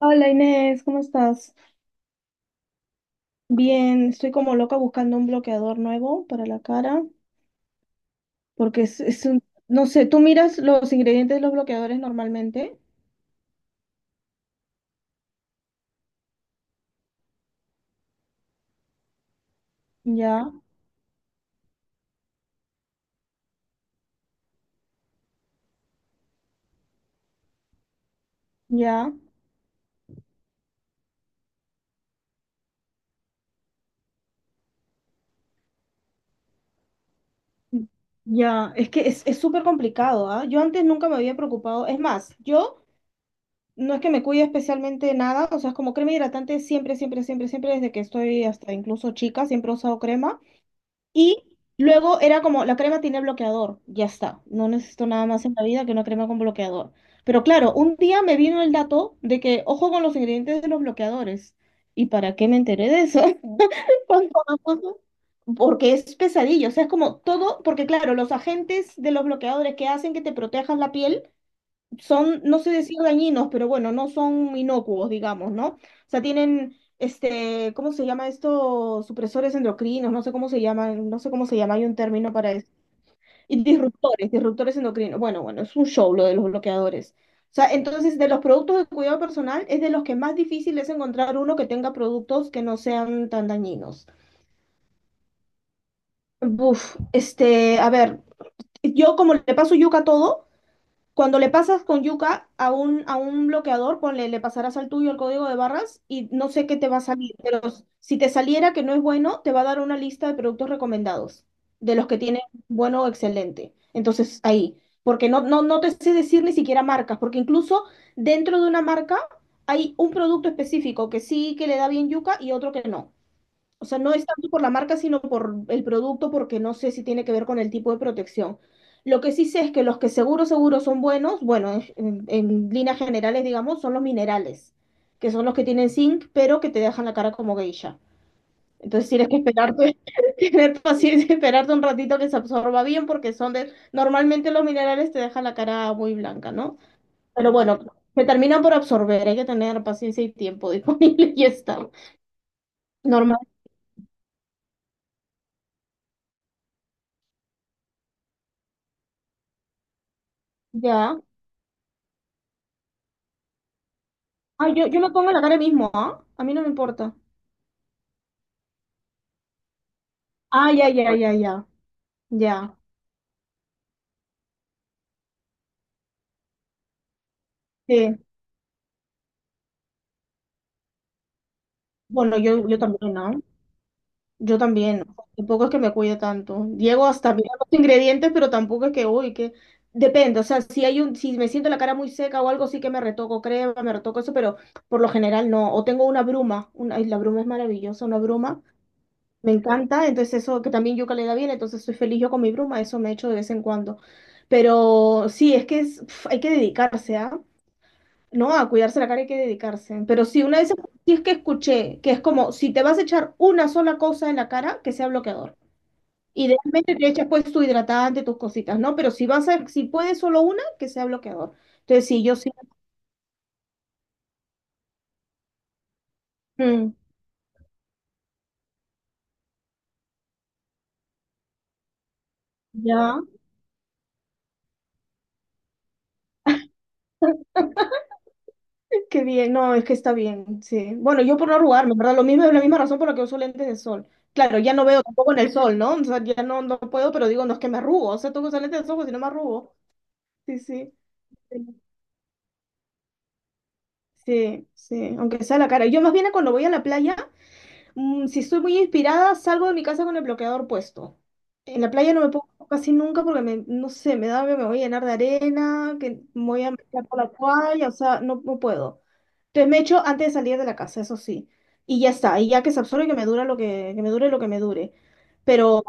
Hola Inés, ¿cómo estás? Bien, estoy como loca buscando un bloqueador nuevo para la cara, porque es un, no sé, tú miras los ingredientes de los bloqueadores normalmente, ya, ya, ya, es que es súper complicado, ¿ah? Yo antes nunca me había preocupado, es más, yo no es que me cuide especialmente de nada, o sea, es como crema hidratante siempre, siempre, siempre, siempre, desde que estoy hasta incluso chica, siempre he usado crema. Y luego era como, la crema tiene bloqueador, ya está. No necesito nada más en la vida que una crema con bloqueador. Pero claro, un día me vino el dato de que, ojo con los ingredientes de los bloqueadores. ¿Y para qué me enteré de eso? Cuando me puso- Porque es pesadillo, o sea, es como todo, porque claro, los agentes de los bloqueadores que hacen que te protejas la piel son, no sé decir dañinos, pero bueno, no son inocuos, digamos, ¿no? O sea, tienen, este, ¿cómo se llama esto? Supresores endocrinos, no sé cómo se llaman, no sé cómo se llama, hay un término para eso. Y disruptores endocrinos. Bueno, bueno, es un show lo de los bloqueadores. O sea, entonces, de los productos de cuidado personal, es de los que más difícil es encontrar uno que tenga productos que no sean tan dañinos. Buf, este, a ver, yo como le paso yuca a todo, cuando le pasas con yuca a un bloqueador, ponle, le pasarás al tuyo el código de barras y no sé qué te va a salir. Pero si te saliera que no es bueno, te va a dar una lista de productos recomendados, de los que tienen bueno o excelente. Entonces, ahí, porque no, no, no te sé decir ni siquiera marcas, porque incluso dentro de una marca hay un producto específico que sí que le da bien yuca y otro que no. O sea, no es tanto por la marca, sino por el producto, porque no sé si tiene que ver con el tipo de protección. Lo que sí sé es que los que seguro, seguro son buenos, bueno, en líneas generales, digamos, son los minerales, que son los que tienen zinc, pero que te dejan la cara como geisha. Entonces tienes que esperarte, tener paciencia, esperarte un ratito que se absorba bien, porque son de, normalmente los minerales te dejan la cara muy blanca, ¿no? Pero bueno, se terminan por absorber, hay que tener paciencia y tiempo disponible y ya está. Normal, ya. Ay, yo me pongo la cara mismo, ¿ah? A mí no me importa. Ah, ya, ya, ya, ya, ya. Sí. Bueno, yo también, ¿no? Yo también. Tampoco es que me cuide tanto. Diego hasta mirar los ingredientes, pero tampoco es que, uy, que... Depende, o sea, si me siento la cara muy seca o algo, sí que me retoco crema, me retoco eso, pero por lo general no. O tengo una bruma, la bruma es maravillosa, una bruma, me encanta, entonces eso que también yuca le da bien, entonces soy feliz yo con mi bruma, eso me echo de vez en cuando. Pero sí, pf, hay que dedicarse, ¿ah? No, a cuidarse la cara hay que dedicarse. Pero si es que escuché que es como si te vas a echar una sola cosa en la cara, que sea bloqueador. Idealmente te echas pues tu hidratante, tus cositas, ¿no? Pero si puedes solo una, que sea bloqueador. Entonces, sí, yo sí. Mm, ya, qué bien. No, es que está bien, sí. Bueno, yo por no arrugarme, ¿verdad? Lo mismo es la misma razón por la que uso lentes de sol. Claro, ya no veo tampoco en el sol, ¿no? O sea, ya no, no puedo, pero digo, no es que me arrugo. O sea, tengo que usar lentes de sol, porque si no me arrugo. Sí, sí. Sí, sí, aunque sea la cara. Yo más bien cuando voy a la playa, si estoy muy inspirada, salgo de mi casa con el bloqueador puesto. En la playa no me pongo casi nunca porque me, no sé, me da, me voy a llenar de arena, que me voy a meter por la toalla, o sea, no, no puedo. Entonces me echo antes de salir de la casa, eso sí. Y ya está, y ya que se absorbe, que me dura lo que me dure lo que me dure. Pero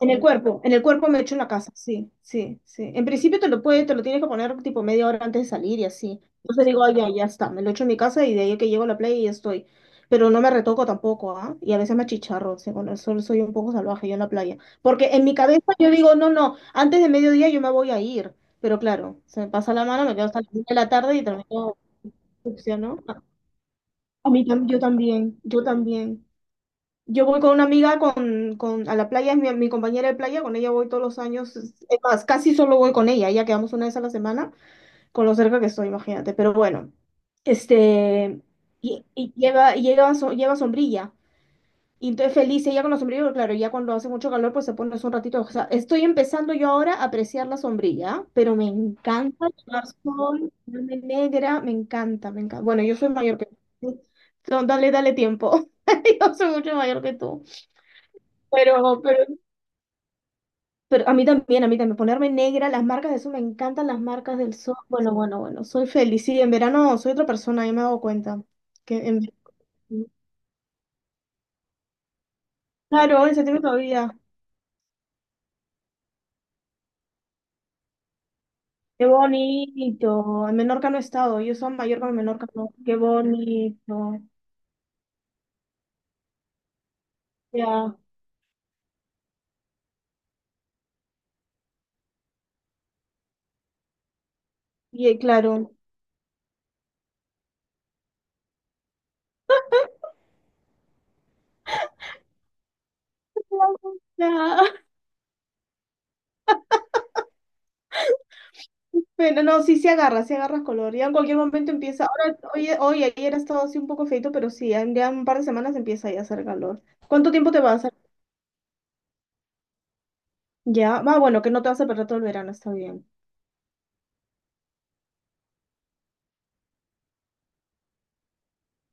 en el cuerpo me echo en la casa, sí, sí, sí. En principio te lo puede, te lo tienes que poner tipo media hora antes de salir y así. Entonces digo, ay, ya, ya está, me lo echo en mi casa y de ahí que llego a la playa y ya estoy. Pero no me retoco tampoco, ¿ah? Y a veces me achicharro, o sea, con el sol soy un poco salvaje yo en la playa. Porque en mi cabeza yo digo, no, no, antes de mediodía yo me voy a ir. Pero claro, se me pasa la mano, me quedo hasta las 10 de la tarde y termino sucia, ¿no? Yo también, yo también. Yo voy con una amiga a la playa, es mi compañera de playa, con ella voy todos los años, es más, casi solo voy con ella, ya quedamos una vez a la semana, con lo cerca que estoy, imagínate, pero bueno, este, lleva sombrilla, y entonces feliz ella con la sombrilla, pero claro, ya cuando hace mucho calor, pues se pone eso un ratito, o sea, estoy empezando yo ahora a apreciar la sombrilla, pero me encanta tomar sol, ponerme negra, me encanta, bueno, yo soy mayor que tú, dale, dale tiempo, yo soy mucho mayor que tú. Pero, pero, Pero a mí también, ponerme negra, las marcas de eso me encantan las marcas del sol. Bueno, bueno, bueno, soy feliz. Sí, en verano soy otra persona, yo me hago cuenta. Que en... Claro, en septiembre todavía. Qué bonito. En Menorca no he estado, yo soy en Mallorca, en Menorca no. Qué bonito. Ya, y claro. Ya. Bueno, no, sí, sí agarras color. Ya en cualquier momento empieza. Ahora, ayer ha estado así un poco feito, pero sí, ya en un par de semanas empieza ya a hacer calor. ¿Cuánto tiempo te vas? Ya, va, bueno, que no te vas a perder todo el verano, está bien.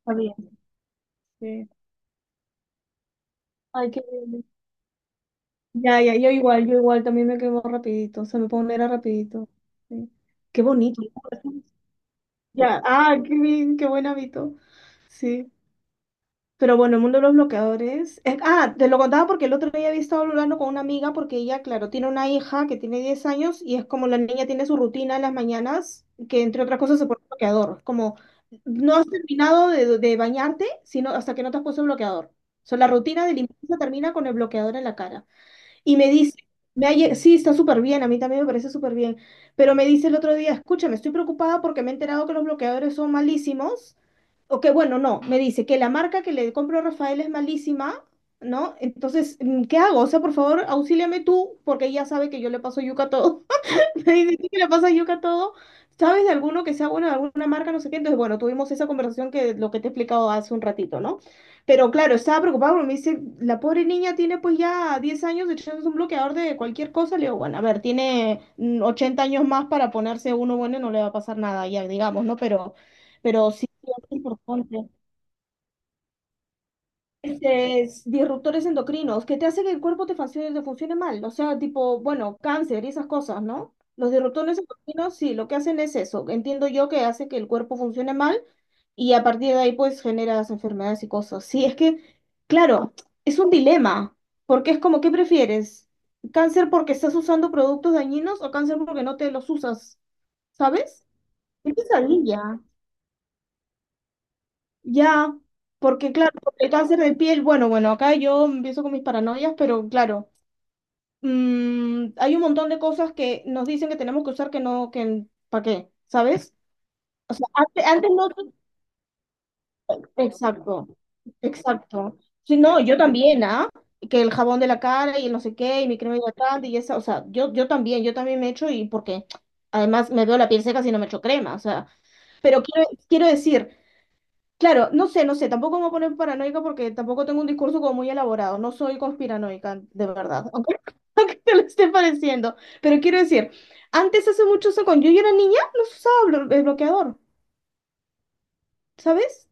Está bien. Sí. Ay, qué bien. Ya, ya, yo igual también me quemo rapidito, se me pone era rapidito. Sí. Qué bonito. Ya, ah, qué bien, qué buen hábito. Sí. Pero bueno, el mundo de los bloqueadores. Te lo contaba porque el otro día había estado hablando con una amiga porque ella, claro, tiene una hija que tiene 10 años y es como la niña tiene su rutina en las mañanas, que entre otras cosas se pone bloqueador. Como no has terminado de bañarte sino hasta que no te has puesto el bloqueador. O sea, la rutina de limpieza termina con el bloqueador en la cara. Y me dice, sí, está súper bien, a mí también me parece súper bien, pero me dice el otro día, escúchame, estoy preocupada porque me he enterado que los bloqueadores son malísimos. O que bueno, no, me dice que la marca que le compro a Rafael es malísima, ¿no? Entonces, ¿qué hago? O sea, por favor, auxíliame tú, porque ella sabe que yo le paso yuca a todo. Me dice, "¿Tú que le pasa yuca a todo? ¿Sabes de alguno que sea bueno, de alguna marca, no sé qué? Entonces, bueno, tuvimos esa conversación que lo que te he explicado hace un ratito, ¿no? Pero claro, estaba preocupado porque me dice, la pobre niña tiene pues ya 10 años echándose un bloqueador de cualquier cosa. Le digo, bueno, a ver, tiene 80 años más para ponerse uno bueno y no le va a pasar nada, ya digamos, ¿no? Pero sí, sí, es importante. Este, es disruptores endocrinos, que te hace que el cuerpo te funcione mal, o sea, tipo, bueno, cáncer y esas cosas, ¿no? Los disruptores endocrinos, sí, lo que hacen es eso, entiendo yo que hace que el cuerpo funcione mal y a partir de ahí, pues, generas enfermedades y cosas. Sí, es que, claro, es un dilema, porque es como, ¿qué prefieres? ¿Cáncer porque estás usando productos dañinos o cáncer porque no te los usas? ¿Sabes? Qué pesadilla. Ya, porque claro, porque el cáncer de piel, bueno, bueno, acá yo empiezo con mis paranoias, pero claro, hay un montón de cosas que nos dicen que tenemos que usar que no, que ¿para qué? ¿Sabes? O sea, antes, no... Exacto, exacto. Sí, no, yo también, ¿ah? Que el jabón de la cara y el no sé qué, y mi crema hidratante y esa, o sea, yo también, yo también me echo y porque además me veo la piel seca si no me echo crema, o sea, pero quiero decir... Claro, no sé, tampoco me voy a poner paranoica porque tampoco tengo un discurso como muy elaborado, no soy conspiranoica, de verdad, aunque, aunque te lo esté pareciendo, pero quiero decir, antes hace muchos años, cuando yo era niña, no se usaba blo- el bloqueador, ¿sabes?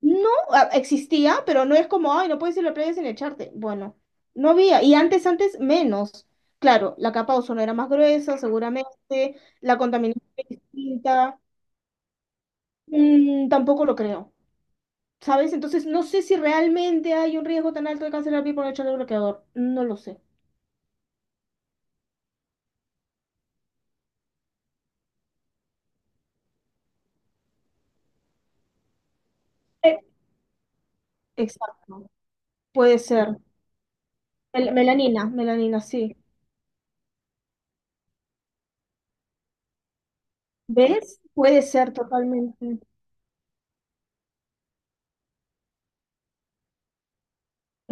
No, ah, existía, pero no es como, ay, no puedes ir a la playa sin echarte, bueno, no había, y antes, menos, claro, la capa de ozono era más gruesa, seguramente, la contaminación era distinta. Mm, tampoco lo creo. ¿Sabes? Entonces no sé si realmente hay un riesgo tan alto de cáncer al piel por echarle bloqueador. No lo sé. Eh, Exacto. Puede ser. Melanina, melanina, sí. ¿Ves? Puede ser totalmente.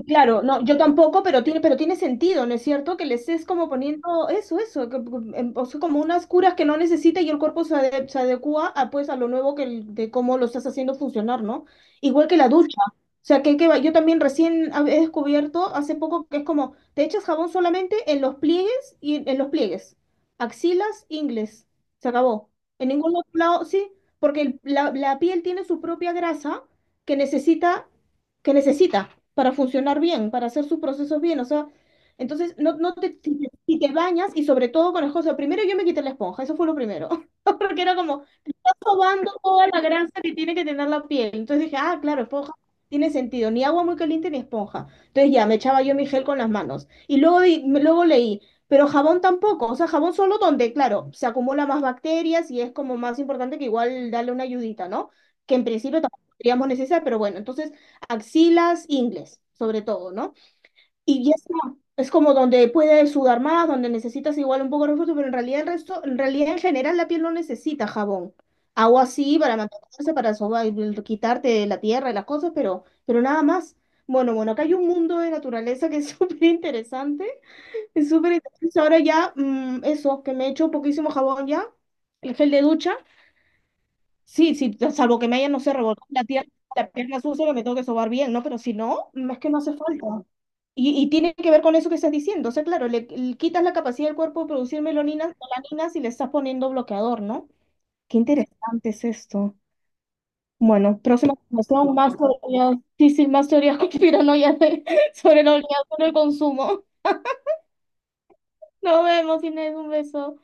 Claro, no, yo tampoco, pero pero tiene sentido, ¿no es cierto? Que les es como poniendo eso, o sea, como unas curas que no necesita y el cuerpo se adecua a, pues, a lo nuevo de cómo lo estás haciendo funcionar, ¿no? Igual que la ducha. O sea, yo también he descubierto hace poco que es como, te echas jabón solamente en los pliegues y en los pliegues. Axilas, ingles. Se acabó. En ningún otro lado, sí, porque la piel tiene su propia grasa que necesita, que necesita para funcionar bien, para hacer sus procesos bien. O sea, entonces, si te bañas y sobre todo con la esponja, primero yo me quité la esponja, eso fue lo primero, porque era como, sobando toda la grasa que tiene que tener la piel. Entonces dije, ah, claro, esponja tiene sentido, ni agua muy caliente ni esponja. Entonces ya, me echaba yo mi gel con las manos. Y luego, luego leí, pero jabón tampoco, o sea, jabón solo donde, claro, se acumula más bacterias y es como más importante que igual darle una ayudita, ¿no? Que en principio tampoco seríamos necesarias, pero bueno, entonces axilas, ingles, sobre todo, ¿no? Y ya está. Es como donde puedes sudar más, donde necesitas igual un poco de refuerzo, pero en realidad el resto, en realidad en general la piel no necesita jabón. Agua sí para mantenerse, para quitarte la tierra y las cosas, pero nada más. Bueno, bueno, acá hay un mundo de naturaleza que es súper interesante. Es súper interesante. Ahora ya, mm, eso, que me he hecho poquísimo jabón ya, el gel de ducha. Sí, sí, salvo que me hayan, no sé, revolcado la tierra, la pierna sucia que me tengo que sobar bien, ¿no? Pero si no, mm, es que no hace falta. Y tiene que ver con eso que estás diciendo. O sea, claro, le quitas la capacidad del cuerpo de producir melanina, melaninas y le estás poniendo bloqueador, ¿no? Qué interesante es esto. Bueno, próxima conversación, más teorías, sí, sí, más teorías sobre el oleaje del consumo. Nos vemos, Inés, un beso.